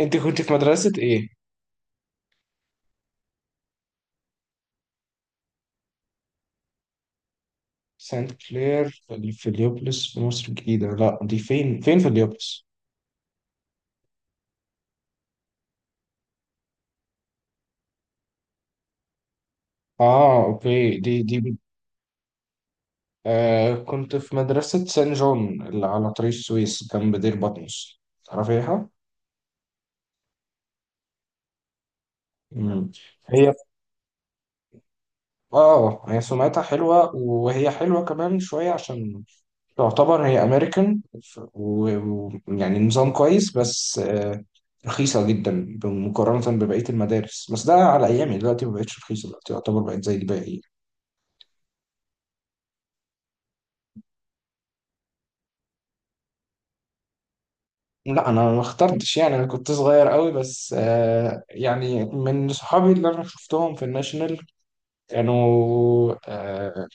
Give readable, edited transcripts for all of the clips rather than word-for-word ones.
انت كنت في مدرسة ايه؟ سانت كلير في اليوبلس في مصر الجديدة، لا دي فين؟ فين في اليوبلس؟ اه اوكي دي. آه كنت في مدرسة سان جون اللي على طريق السويس جنب دير بطمس، تعرفيها؟ مم. هي اه هي سمعتها حلوة، وهي حلوة كمان شوية عشان تعتبر هي امريكان، ويعني نظام كويس، بس رخيصة جدا مقارنة ببقية المدارس. بس ده على أيامي، دلوقتي مبقتش رخيصة، دلوقتي يعتبر بقت زي الباقي. لا أنا ما اخترتش، يعني أنا كنت صغير قوي، بس يعني من صحابي اللي أنا شفتهم في الناشونال كانوا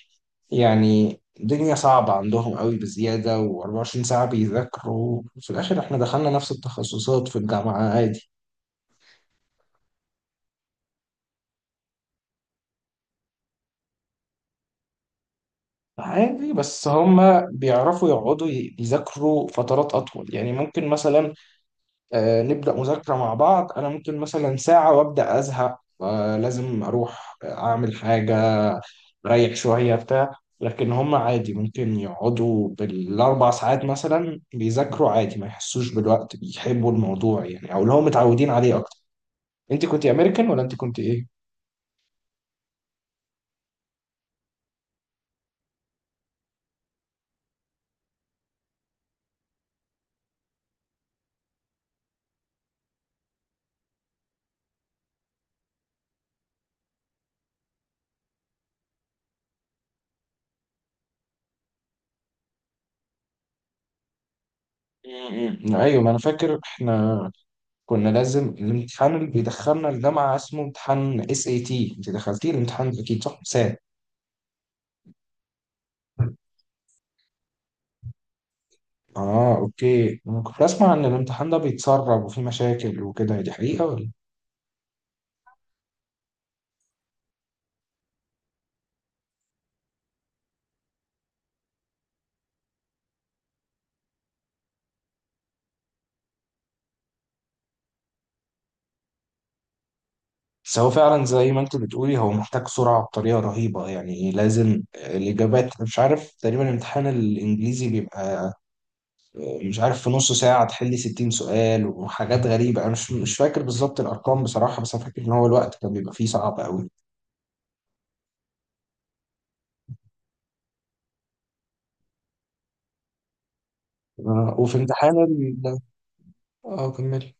يعني الدنيا صعبة عندهم قوي بزيادة، و24 ساعة بيذاكروا. في الآخر إحنا دخلنا نفس التخصصات في الجامعة عادي. عادي، بس هما بيعرفوا يقعدوا يذاكروا فترات أطول. يعني ممكن مثلا نبدأ مذاكرة مع بعض، أنا ممكن مثلا ساعة وأبدأ أزهق، لازم أروح أعمل حاجة، ريح شوية بتاع. لكن هما عادي ممكن يقعدوا بالأربع ساعات مثلا بيذاكروا عادي، ما يحسوش بالوقت، بيحبوا الموضوع يعني، أو اللي هم متعودين عليه أكتر. أنت كنت أمريكان ولا أنت كنت إيه؟ م- م. أيوة ما أنا فاكر إحنا كنا لازم الامتحان اللي بيدخلنا الجامعة اسمه امتحان اس اي تي، انت دخلتيه الامتحان ده اكيد، صح؟ سات. اه اوكي، انا كنت اسمع ان الامتحان ده بيتسرب وفي مشاكل وكده، دي حقيقة ولا؟ بس هو فعلا زي ما انت بتقولي هو محتاج سرعة بطريقة رهيبة. يعني لازم الإجابات، أنا مش عارف، تقريبا الامتحان الإنجليزي بيبقى مش عارف في نص ساعة تحلي 60 سؤال وحاجات غريبة. أنا مش فاكر بالظبط الأرقام بصراحة، بس أنا فاكر إن هو الوقت كان بيبقى فيه صعب أوي. وفي امتحان ال... اه كمل.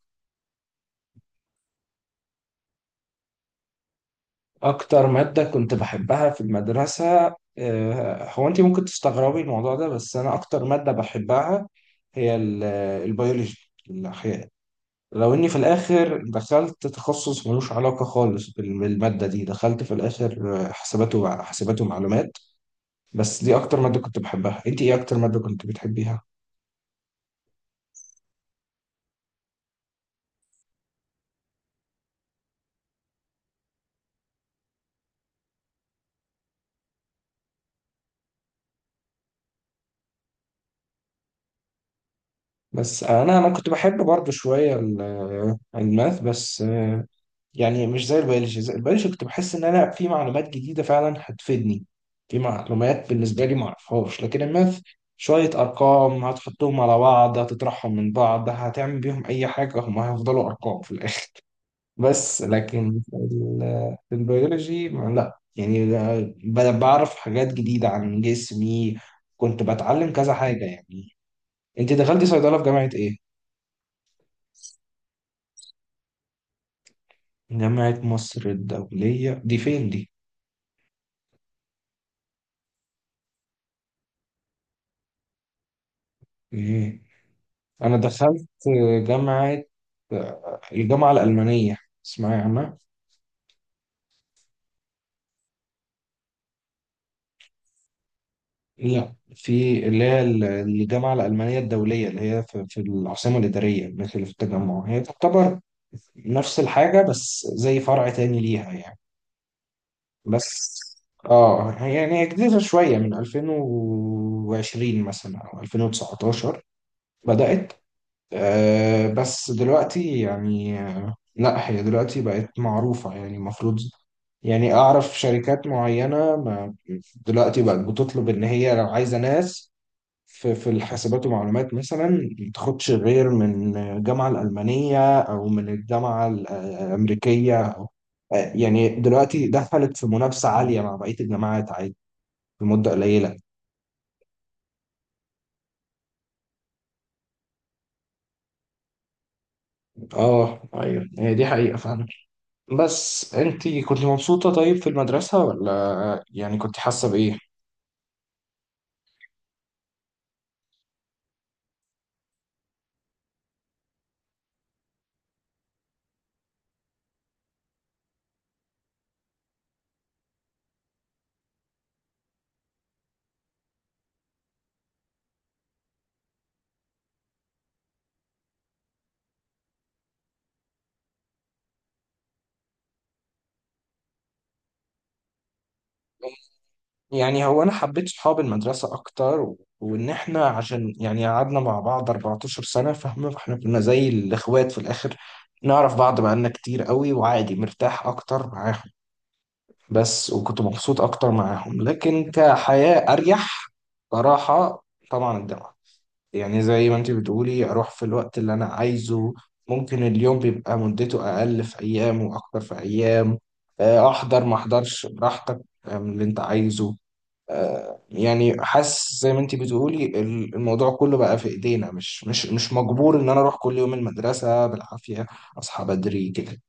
أكتر مادة كنت بحبها في المدرسة هو أنت ممكن تستغربي الموضوع ده، بس أنا أكتر مادة بحبها هي البيولوجي، الأحياء. لو إني في الآخر دخلت تخصص ملوش علاقة خالص بالمادة دي، دخلت في الآخر حسابات حسابات ومعلومات. بس دي أكتر مادة كنت بحبها. أنت إيه أكتر مادة كنت بتحبيها؟ بس أنا كنت بحب برضه شوية الماث، بس يعني مش زي البيولوجي. زي البيولوجي كنت بحس ان انا في معلومات جديده فعلا هتفيدني، في معلومات بالنسبه لي ما اعرفهاش. لكن الماث شويه ارقام هتحطهم على بعض، هتطرحهم من بعض، هتعمل بيهم اي حاجه هم هيفضلوا ارقام في الاخر. بس لكن في في البيولوجي لا، يعني بعرف حاجات جديده عن جسمي، كنت بتعلم كذا حاجه يعني. انت دخلتي صيدله في جامعه ايه؟ جامعه مصر الدوليه دي فين دي؟ ايه؟ أنا دخلت جامعة، الجامعة الألمانية، اسمها عنها. لا في اللي هي الجامعة الألمانية الدولية اللي هي في العاصمة الإدارية، مش اللي في التجمع. هي تعتبر نفس الحاجة، بس زي فرع تاني ليها يعني. بس اه يعني هي جديدة شوية، من 2020 مثلا أو 2019 بدأت. آه بس دلوقتي يعني، لا هي دلوقتي بقت معروفة، يعني المفروض، يعني أعرف شركات معينة، ما دلوقتي بقت بتطلب إن هي لو عايزة ناس في الحاسبات ومعلومات مثلا، ما تاخدش غير من الجامعة الألمانية أو من الجامعة الأمريكية أو، يعني دلوقتي دخلت في منافسة عالية مع بقية الجامعات عادي، في مدة قليلة. اه ايوه، هي دي حقيقة فعلا. بس انتي كنت مبسوطة طيب في المدرسة، ولا يعني كنت حاسة بإيه؟ يعني هو انا حبيت صحاب المدرسه اكتر، وان احنا عشان يعني قعدنا مع بعض 14 سنه، فاهمه؟ فاحنا كنا زي الاخوات في الاخر، نعرف بعض بقالنا كتير قوي، وعادي مرتاح اكتر معاهم. بس وكنت مبسوط اكتر معاهم، لكن كحياه اريح صراحه، طبعا الجامعه يعني زي ما انت بتقولي، اروح في الوقت اللي انا عايزه. ممكن اليوم بيبقى مدته اقل في ايام واكتر في ايام. احضر ما احضرش براحتك، من اللي انت عايزه. يعني حاسس زي ما انت بتقولي الموضوع كله بقى في ايدينا. مش مجبور ان انا اروح كل يوم المدرسة بالعافية، اصحى بدري كده.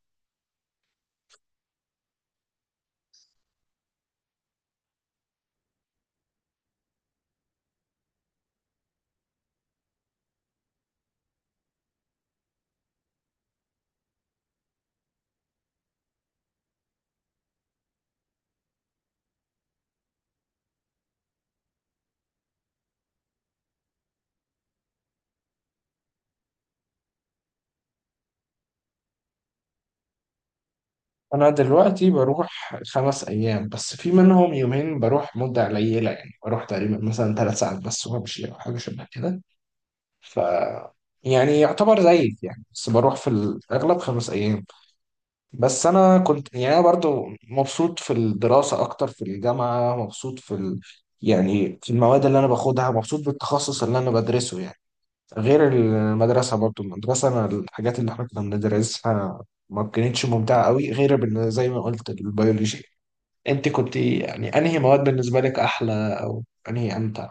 انا دلوقتي بروح خمس ايام، بس في منهم يومين بروح مدة قليلة. يعني بروح تقريبا مثلا ثلاث ساعات بس وامشي او حاجة شبه كده. ف يعني يعتبر زيك يعني، بس بروح في الاغلب خمس ايام. بس انا كنت يعني، انا برضو مبسوط في الدراسه اكتر في الجامعه، مبسوط في ال... يعني في المواد اللي انا باخدها، مبسوط بالتخصص اللي انا بدرسه يعني، غير المدرسه. برضو المدرسه انا، الحاجات اللي احنا كنا بندرسها ما كانتش ممتعه قوي، غير زي ما قلت البيولوجي. انت كنت يعني انهي مواد بالنسبه لك احلى او انهي امتع؟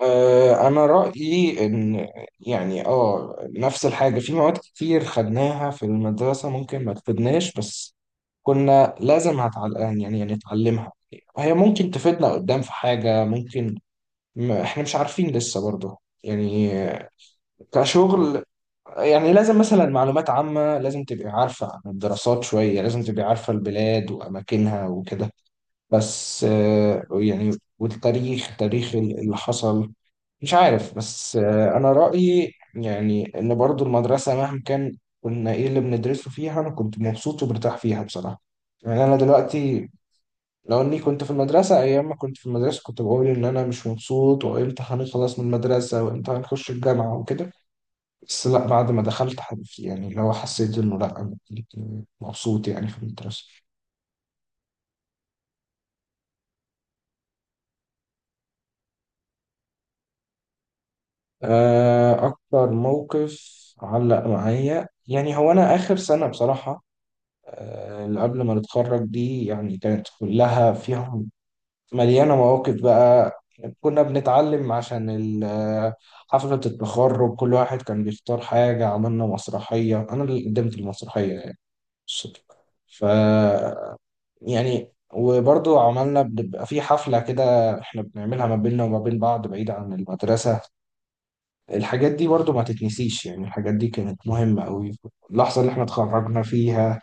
أنا رأيي إن يعني آه نفس الحاجة، في مواد كتير خدناها في المدرسة ممكن ما تفيدناش، بس كنا لازم يعني يعني نتعلمها. هي ممكن تفيدنا قدام في حاجة ممكن، م... إحنا مش عارفين لسه برضه، يعني كشغل يعني. لازم مثلا معلومات عامة لازم تبقي عارفة عن الدراسات شوية، لازم تبقي عارفة البلاد وأماكنها وكده. بس يعني والتاريخ، تاريخ اللي حصل، مش عارف. بس انا رأيي يعني ان برضو المدرسة مهما كان كنا ايه اللي بندرسه فيها انا كنت مبسوط ومرتاح فيها بصراحة. يعني انا دلوقتي لو اني كنت في المدرسة، ايام ما كنت في المدرسة كنت بقول ان انا مش مبسوط، وامتى هنخلص من المدرسة وامتى هنخش الجامعة وكده. بس لا، بعد ما دخلت يعني لو حسيت انه لا انا مبسوط يعني في المدرسة. اكتر موقف علق معايا، يعني هو انا اخر سنة بصراحة، اللي قبل ما نتخرج دي، يعني كانت كلها فيهم، مليانة مواقف بقى. كنا بنتعلم عشان حفلة التخرج، كل واحد كان بيختار حاجة، عملنا مسرحية، أنا اللي قدمت المسرحية يعني، الصدفة. ف يعني وبرضو عملنا بنبقى في حفلة كده احنا بنعملها ما بيننا وما بين بعض بعيد عن المدرسة. الحاجات دي برضو ما تتنسيش، يعني الحاجات دي كانت مهمة قوي، اللحظة اللي احنا اتخرجنا فيها،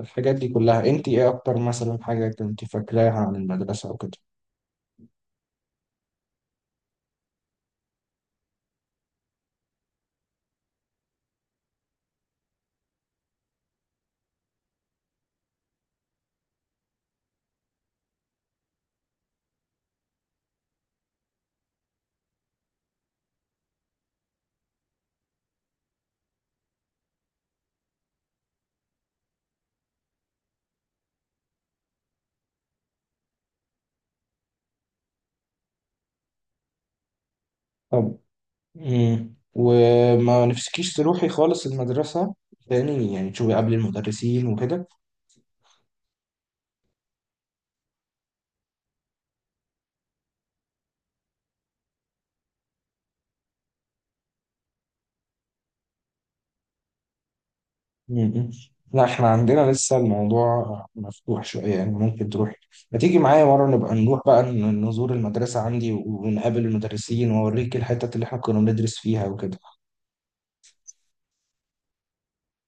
الحاجات دي كلها. انت ايه اكتر مثلا حاجة كنت فاكراها عن المدرسة او كده؟ طب مم. وما نفسكيش تروحي خالص المدرسة تاني يعني، تشوفي قبل المدرسين وكده؟ مم. لا احنا عندنا لسه الموضوع مفتوح شوية، يعني ممكن تروحي، ما تيجي معايا مرة نبقى نروح بقى نزور المدرسة عندي ونقابل المدرسين واوريك الحتت اللي احنا كنا بندرس فيها وكده.